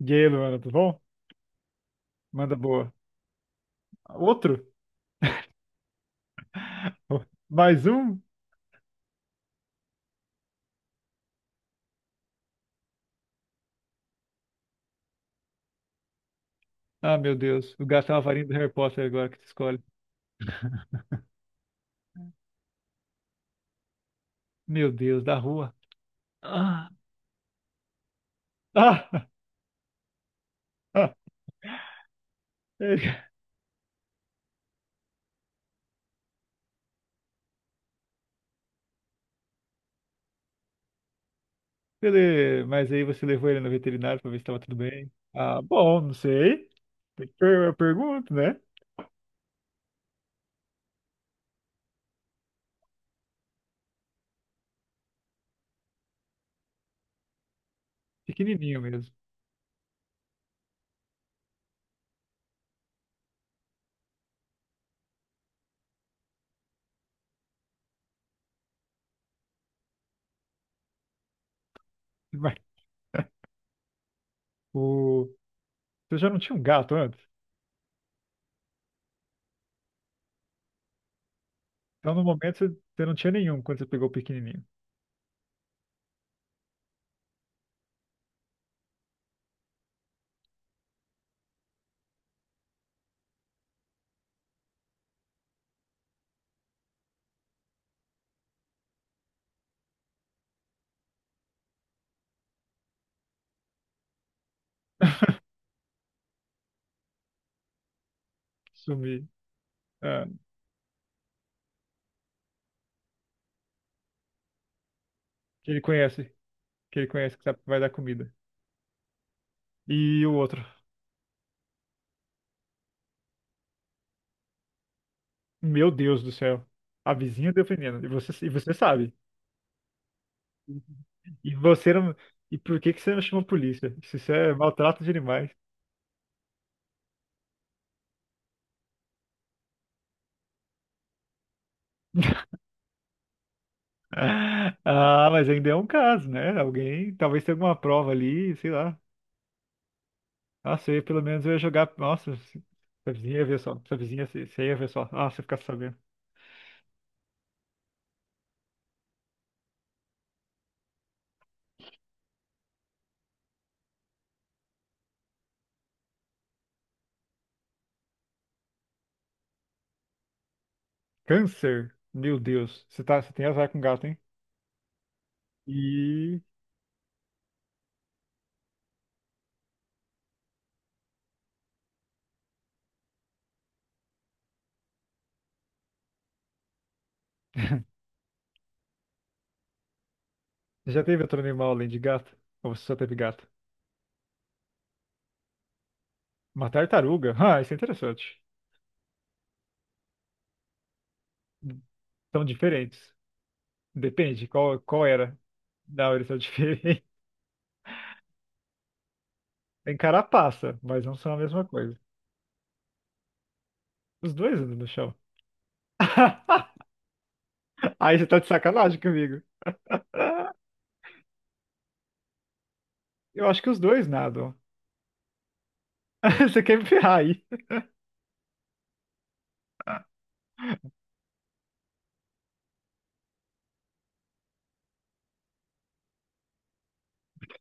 E aí, Luana, tudo bom? Manda boa. Outro? Mais um? Ah, meu Deus. O gato é uma varinha do Harry Potter agora que tu escolhe. Meu Deus, da rua. Ah, ah, ah. Ele, mas aí você levou ele no veterinário pra ver se tava tudo bem. Ah, bom, não sei. Eu pergunto, né? Pequenininho mesmo. Mas o... Você já não tinha um gato antes? Então, no momento, você não tinha nenhum quando você pegou o pequenininho. Sumi. Ah, que ele conhece. Que ele conhece que sabe que vai dar comida. E o outro? Meu Deus do céu. A vizinha defendendo. E você sabe. E você não. E por que que você não chama a polícia? Se isso é maltrato de animais. Ah, mas ainda é um caso, né? Alguém. Talvez tenha alguma prova ali, sei lá. Nossa, eu ia, pelo menos eu ia jogar. Nossa, sua vizinha ia ver só. Sua vizinha, você ia ver só. Ah, você ficar sabendo. Câncer? Meu Deus. Você tá, você tem azar com gato, hein? E. Você já teve outro animal além de gato? Ou você só teve gato? Uma tartaruga? Ah, isso é interessante. São diferentes. Depende, qual era? Não, eles são diferentes. Tem carapaça, mas não são a mesma coisa. Os dois andam no chão. Aí você tá de sacanagem comigo. Eu acho que os dois nadam. Você quer me ferrar aí?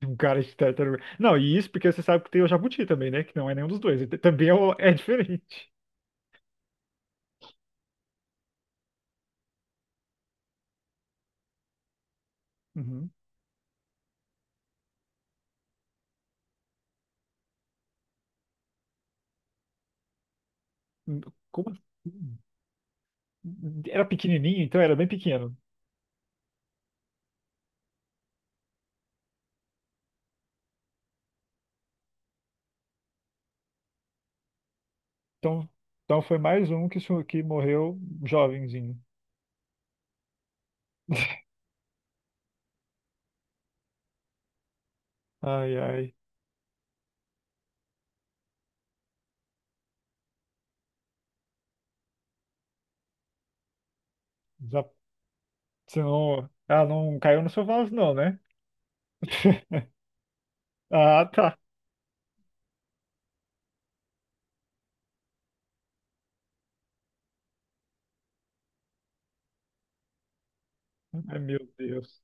Um cara de tartaruga. Não, e isso porque você sabe que tem o jabuti também, né? Que não é nenhum dos dois. Ele também é, é diferente. Uhum. Como assim? Era pequenininho, então era bem pequeno. Então, então foi mais um que, que morreu jovenzinho. Ai, ai. Já, você não... Ah, não caiu no seu vaso não, né? Ah, tá. Ai, meu Deus.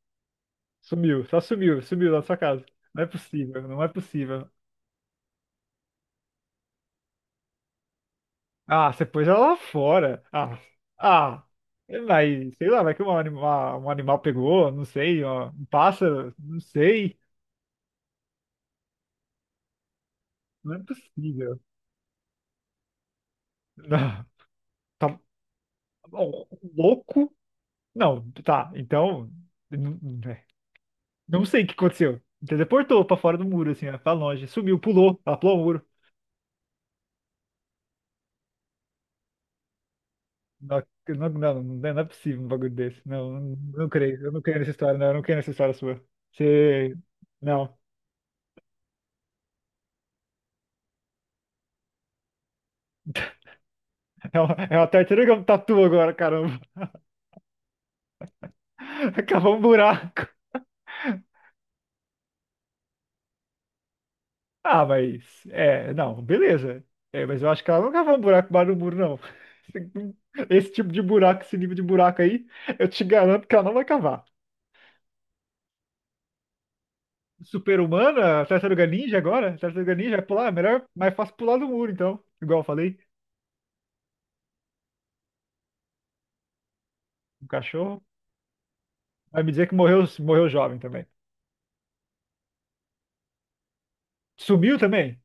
Sumiu, só sumiu, sumiu da sua casa. Não é possível, não é possível. Ah, você pôs ela lá fora. Ah, ah. É, mas, sei lá, vai que um animal pegou, não sei, ó, um pássaro, não sei. Não é possível. Não, tá bom, louco? Não, tá, então. Não sei o que aconteceu. Teleportou pra fora do muro, assim, ó, pra longe. Sumiu, pulou, ela pulou o muro. Não, não, não, não é possível um bagulho desse. Não, não, não creio. Eu não creio nessa história, não. Eu não creio nessa história sua. Você. Não. É uma tartaruga tatu agora, caramba. Cavou um buraco. Ah, mas. É, não, beleza. É, mas eu acho que ela não cavou um buraco embaixo do muro, não. Esse tipo de buraco, esse nível de buraco aí, eu te garanto que ela não vai cavar. Super-humana? Tartaruga Ninja agora? Tartaruga Ninja vai pular? É melhor, mais fácil pular do muro, então. Igual eu falei, um cachorro. Vai me dizer que morreu, morreu jovem também. Sumiu também?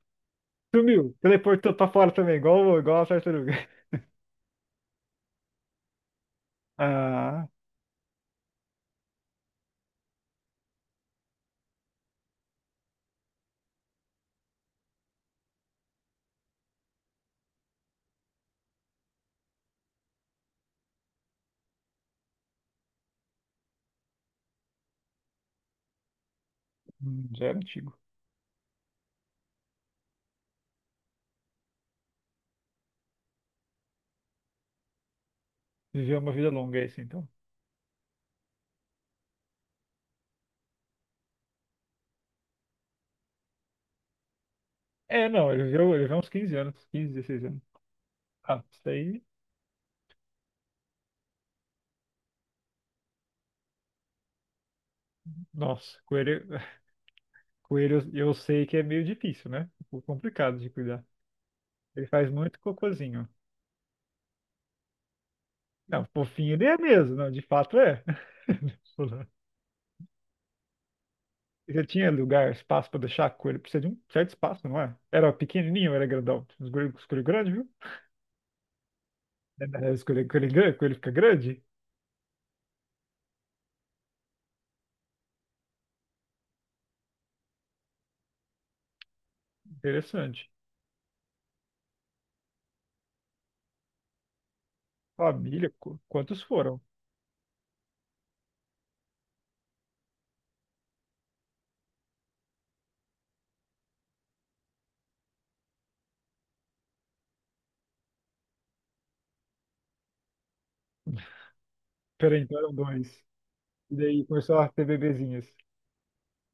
Sumiu. Teleportou pra fora também, igual, igual a tartaruga. Ah, já era antigo. Viveu uma vida longa esse, então. É, não, ele viveu uns 15 anos, 15, 16 anos. Ah, isso daí. Nossa, coelho, coelho eu sei que é meio difícil, né? Um pouco complicado de cuidar. Ele faz muito cocôzinho. Não, fofinho ele é mesmo, não, de fato é. Ele tinha lugar, espaço para deixar a coelha, precisa de um certo espaço, não é? Era pequenininho, ou era grandão. Escolheu grande, viu? É, os escolheu coelho grande, coelho fica grande. Interessante. Família, quantos foram? Peraí, então eram dois. E daí começou a ter bebezinhas.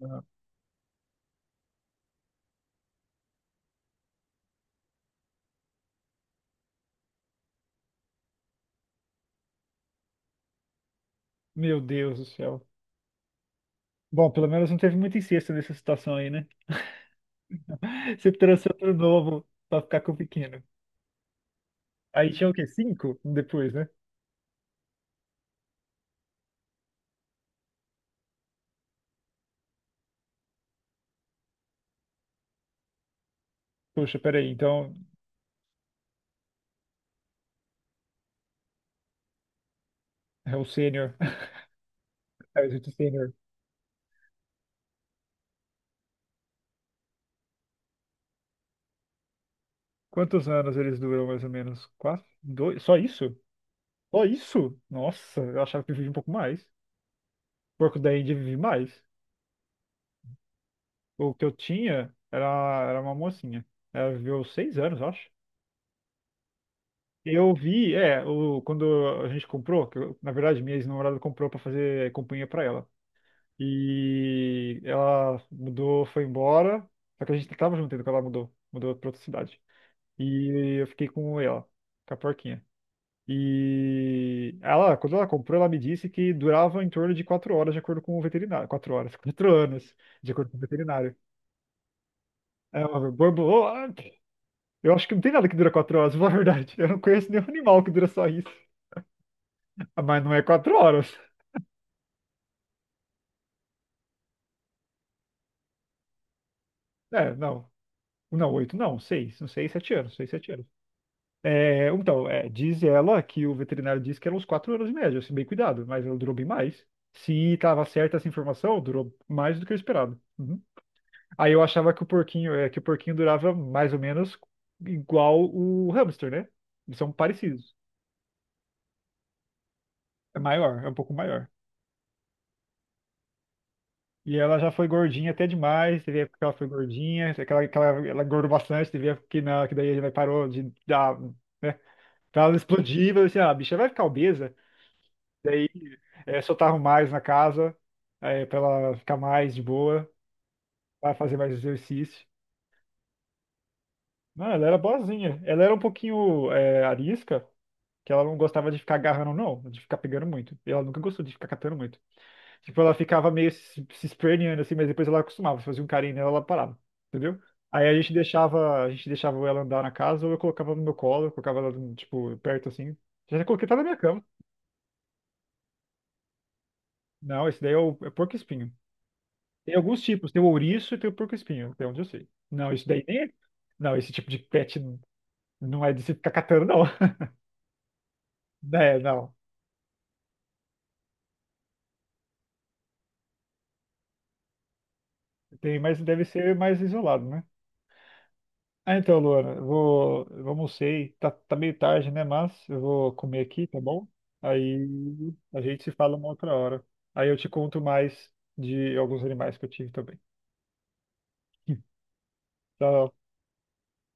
Ah, meu Deus do céu. Bom, pelo menos não teve muita incesto nessa situação aí, né? Você trouxe outro novo pra ficar com o pequeno. Aí tinha o quê? Cinco depois, né? Poxa, peraí, então. É o sênior. É o exército sênior. Quantos anos eles duram, mais ou menos? Quatro? Dois? Só isso? Só isso? Nossa, eu achava que eu vivia um pouco mais. Porco da Índia vive mais. O que eu tinha era, era uma mocinha. Ela viveu 6 anos, eu acho. Eu vi, é, o, quando a gente comprou, que na verdade minha ex-namorada comprou pra fazer companhia pra ela. E ela mudou, foi embora. Só que a gente tava junto ainda quando ela mudou. Mudou pra outra cidade. E eu fiquei com ela, com a porquinha. E ela, quando ela comprou, ela me disse que durava em torno de 4 horas, de acordo com o veterinário. 4 horas, 4 anos, de acordo com o veterinário. É uma borboleta. Eu acho que não tem nada que dura 4 horas, na verdade. Eu não conheço nenhum animal que dura só isso. Ah, mas não é 4 horas. É, não. Não, oito, não, seis. Não sei, 7 anos, seis, 7 anos. É, então, é, diz ela que o veterinário disse que eram uns 4 anos em média, se bem cuidado, mas ela durou bem mais. Se estava certa essa informação, durou mais do que eu esperava. Uhum. Aí eu achava que o porquinho, é, que o porquinho durava mais ou menos igual o hamster, né? Eles são parecidos. É maior, é um pouco maior. E ela já foi gordinha até demais, teve época que ela foi gordinha, é aquela, aquela, ela engordou bastante, teve época que não, que daí ele parou de dar, né? Então ela explodiu, eu disse, ah, a bicha vai ficar obesa. Daí é, soltaram mais na casa, é, pra ela ficar mais de boa, vai fazer mais exercício. Não, ela era boazinha. Ela era um pouquinho é, arisca, que ela não gostava de ficar agarrando, não, de ficar pegando muito. E ela nunca gostou de ficar catando muito. Tipo, ela ficava meio se esperneando assim, mas depois ela acostumava, fazia um carinho nela, ela parava, entendeu? Aí a gente deixava ela andar na casa, ou eu colocava no meu colo, eu colocava ela, tipo, perto assim. Já coloquei até na minha cama. Não, esse daí é o é porco-espinho. Tem alguns tipos, tem o ouriço e tem o porco-espinho, até onde eu sei. Não, isso daí nem é. Não, esse tipo de pet não é de se ficar catando, não. É, não. Tem, mas deve ser mais isolado, né? Ah, então, Luana, eu vou, eu almocei, tá, tá meio tarde, né? Mas eu vou comer aqui, tá bom? Aí a gente se fala uma outra hora. Aí eu te conto mais de alguns animais que eu tive também. Tchau.